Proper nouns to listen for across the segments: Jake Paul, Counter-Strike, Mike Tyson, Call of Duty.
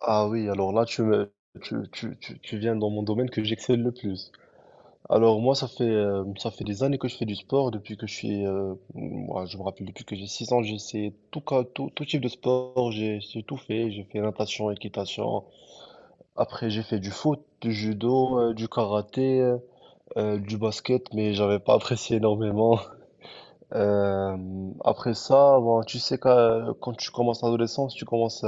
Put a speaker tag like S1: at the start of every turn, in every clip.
S1: Ah oui, alors là, tu me, tu viens dans mon domaine que j'excelle le plus. Alors moi, ça fait des années que je fais du sport, depuis que je suis, moi, je me rappelle, depuis que j'ai 6 ans, j'ai essayé tout, tout, tout type de sport, j'ai tout fait, j'ai fait natation, équitation, après j'ai fait du foot, du judo, du karaté, du basket, mais j'avais pas apprécié énormément. Euh, après ça, bon, tu sais, quand tu commences l'adolescence, tu commences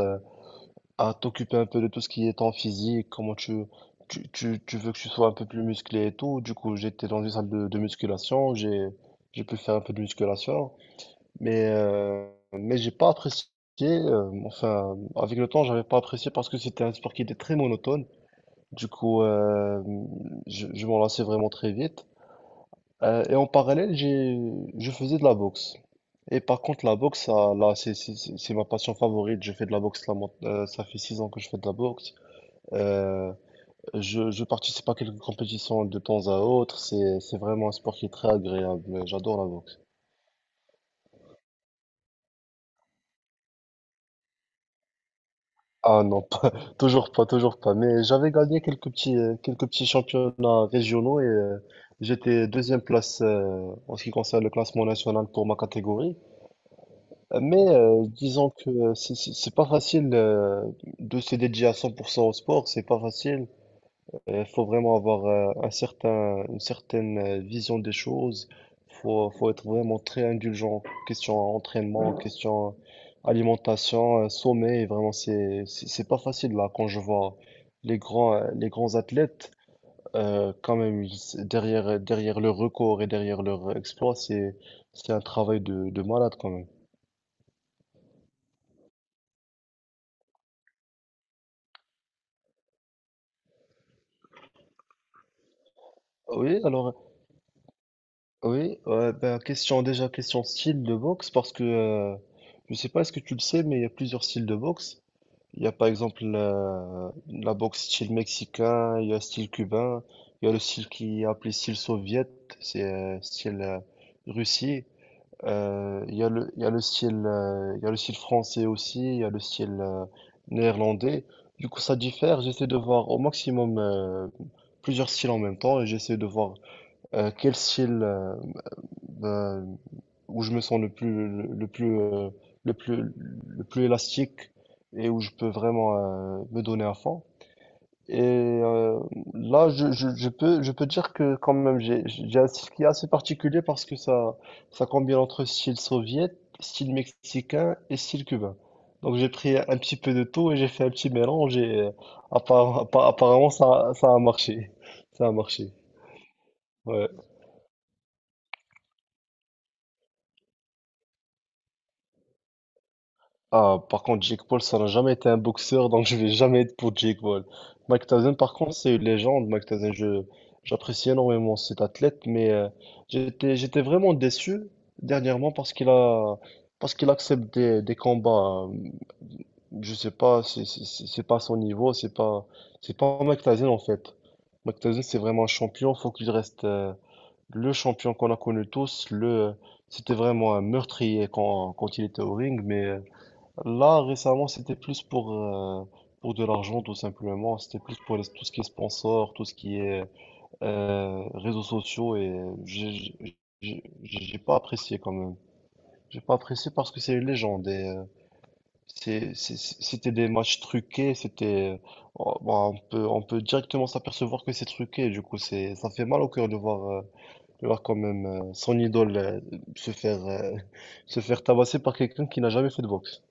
S1: à t'occuper un peu de tout ce qui est ton physique, comment tu veux que tu sois un peu plus musclé et tout. Du coup, j'étais dans une salle de musculation, j'ai pu faire un peu de musculation, mais, euh, mais j'ai pas apprécié, enfin, avec le temps, j'avais pas apprécié parce que c'était un sport qui était très monotone. Du coup, je m'en lassais vraiment très vite. Et en parallèle, je faisais de la boxe. Et par contre, la boxe, ça, là, c'est ma passion favorite. Je fais de la boxe, là, ça fait six ans que je fais de la boxe. Euh, je participe à quelques compétitions de temps à autre. C'est vraiment un sport qui est très agréable. J'adore la boxe. Ah non, pas, toujours pas, toujours pas. Mais j'avais gagné quelques petits championnats régionaux et j'étais deuxième place en ce qui concerne le classement national pour ma catégorie. Mais disons que c'est pas facile de se dédier à 100% au sport. C'est pas facile. Il faut vraiment avoir un certain, une certaine vision des choses. Faut être vraiment très indulgent. Question entraînement, question alimentation, sommeil. Vraiment, c'est pas facile là quand je vois les grands athlètes. Quand même, derrière, derrière leur record et derrière leur exploit, c'est un travail de malade quand même. Oui, alors, oui, ben, question, déjà question style de boxe parce que je sais pas, est-ce que tu le sais, mais il y a plusieurs styles de boxe. Il y a par exemple la boxe style mexicain, il y a style cubain, il y a le style qui est appelé style soviète, c'est style Russie. Il y a le style, il y a le style français aussi, il y a le style néerlandais. Du coup, ça diffère. J'essaie de voir au maximum plusieurs styles en même temps et j'essaie de voir quel style. Euh, où je me sens le plus le plus le plus le plus élastique et où je peux vraiment me donner à fond. Et là, je peux dire que quand même j'ai un style qui est assez particulier parce que ça combine entre style soviétique, style mexicain et style cubain. Donc j'ai pris un petit peu de tout et j'ai fait un petit mélange et apparemment ça a marché. Ça a marché. Ouais. Ah, par contre, Jake Paul, ça n'a jamais été un boxeur, donc je vais jamais être pour Jake Paul. Mike Tyson, par contre, c'est une légende. J'apprécie énormément cet athlète, mais j'étais vraiment déçu dernièrement parce qu'il accepte des combats. Je sais pas, c'est pas son niveau, c'est pas Mike Tyson en fait. Mike Tyson, c'est vraiment un champion, faut qu'il reste le champion qu'on a connu tous. Le, c'était vraiment un meurtrier quand il était au ring, mais là, récemment, pour de l'argent, tout simplement. C'était plus pour tout ce qui est sponsor, tout ce qui est réseaux sociaux. Et j'ai j'ai pas apprécié quand même. J'ai pas apprécié parce que c'est les gens. Des, c'était des matchs truqués. C'était, oh, bah, on peut directement s'apercevoir que c'est truqué. Du coup, c'est, ça fait mal au cœur de voir quand même son idole se faire, se faire tabasser par quelqu'un qui n'a jamais fait de boxe.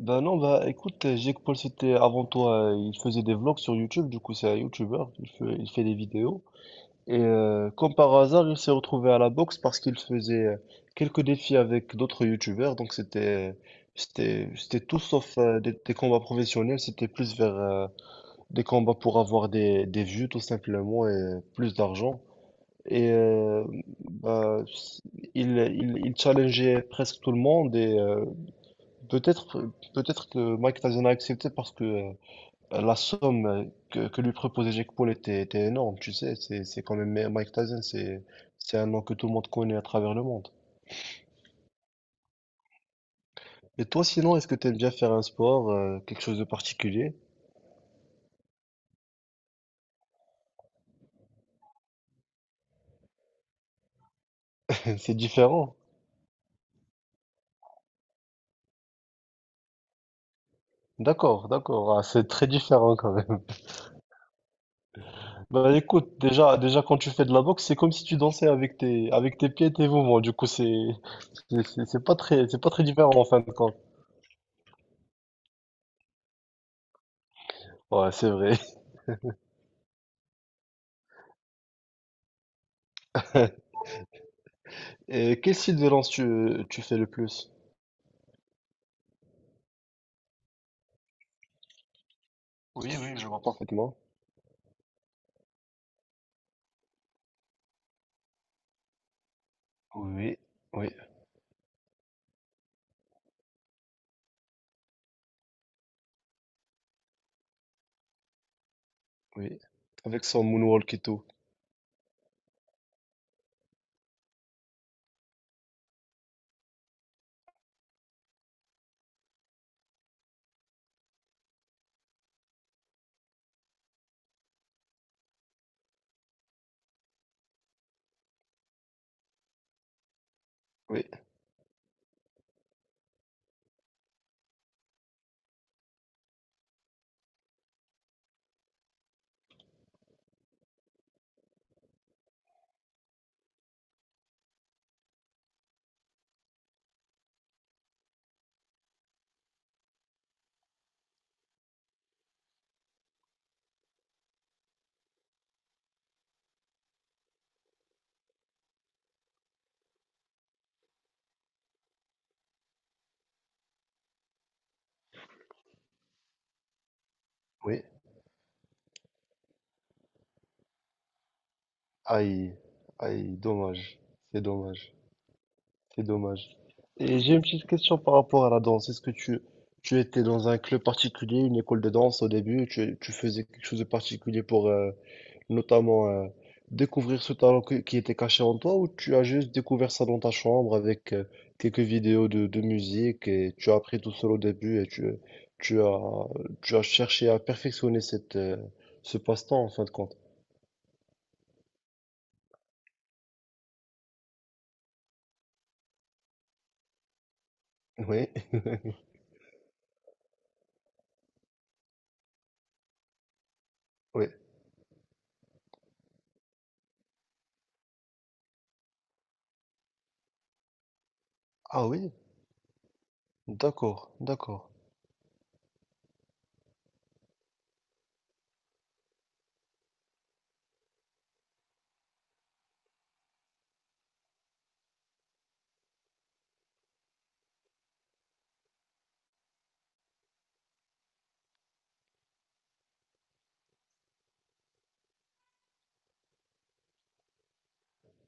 S1: Ben non, bah écoute, Jake Paul, c'était avant toi, il faisait des vlogs sur YouTube, du coup c'est un YouTuber, il fait des vidéos. Et comme par hasard, il s'est retrouvé à la boxe parce qu'il faisait quelques défis avec d'autres YouTubers, donc c'était tout sauf des combats professionnels, c'était plus vers des combats pour avoir des vues tout simplement et plus d'argent. Et bah, il challengeait presque tout le monde et Peut-être, peut-être que Mike Tyson a accepté parce que la somme que lui proposait Jake Paul était énorme, tu sais, c'est quand même Mike Tyson, c'est un nom que tout le monde connaît à travers le monde. Et toi, sinon, est-ce que tu aimes bien faire un sport, quelque chose de particulier? C'est différent. D'accord, d'accord, ah, c'est très différent quand même. Bah écoute, déjà, déjà quand tu fais de la boxe, c'est comme si tu dansais avec tes pieds et tes mouvements. Du coup, c'est, c'est pas très différent en fin de compte. Ouais, c'est vrai. Et quel style de danse tu fais le plus? Oui, oui, je vois parfaitement. Oui, oui, oui. Avec son moonwalk et tout. Oui, oui. Aïe, aïe, dommage. C'est dommage, c'est dommage. Et j'ai une petite question par rapport à la danse. Est-ce que tu étais dans un club particulier, une école de danse au début? Tu faisais quelque chose de particulier pour, notamment, découvrir ce talent qui était caché en toi ou tu as juste découvert ça dans ta chambre avec quelques vidéos de musique et tu as appris tout seul au début et tu as, tu as cherché à perfectionner cette, ce passe-temps en fin de compte. Oui, oui. Ah oui, d'accord, d'accord.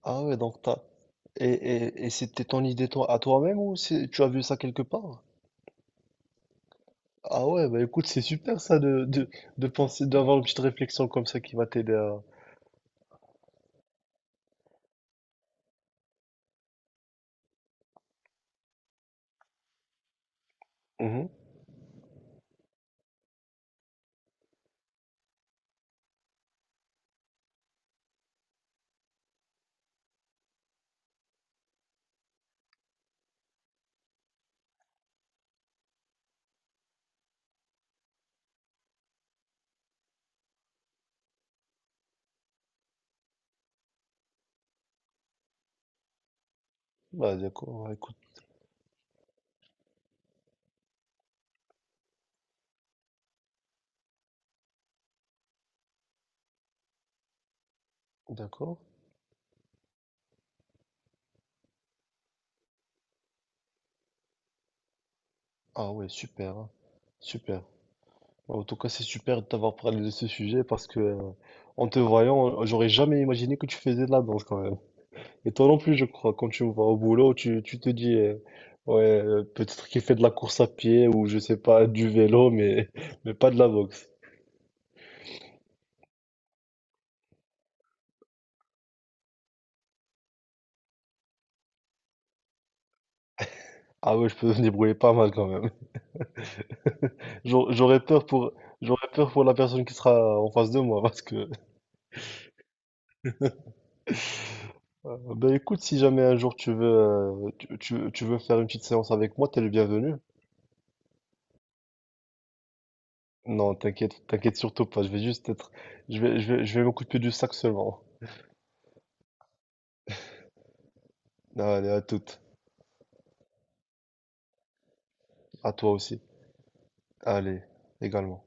S1: Ah ouais, donc t'as... Et, c'était ton idée toi, à toi-même ou tu as vu ça quelque part? Ah ouais, bah écoute, c'est super ça de penser, d'avoir une petite réflexion comme ça qui va t'aider à... Bah, d'accord, écoute, d'accord. Ah ouais, super, hein, super. Bah, en tout cas, c'est super de t'avoir parlé de ce sujet parce que, en te voyant, j'aurais jamais imaginé que tu faisais de la danse quand même. Et toi non plus, je crois, quand tu vas au boulot, tu te dis, ouais, peut-être qu'il fait de la course à pied ou je sais pas, du vélo, mais, mais pas de la boxe. Ah ouais, je peux me débrouiller pas mal quand même. J'aurais peur pour, j'aurais peur pour la personne qui sera en face de moi parce que ben écoute, si jamais un jour tu veux, tu veux faire une petite séance avec moi, t'es le bienvenu. Non, t'inquiète, t'inquiète surtout pas. Je vais, je vais m'occuper du sac seulement. Allez, à toute, à toi aussi. Allez, également.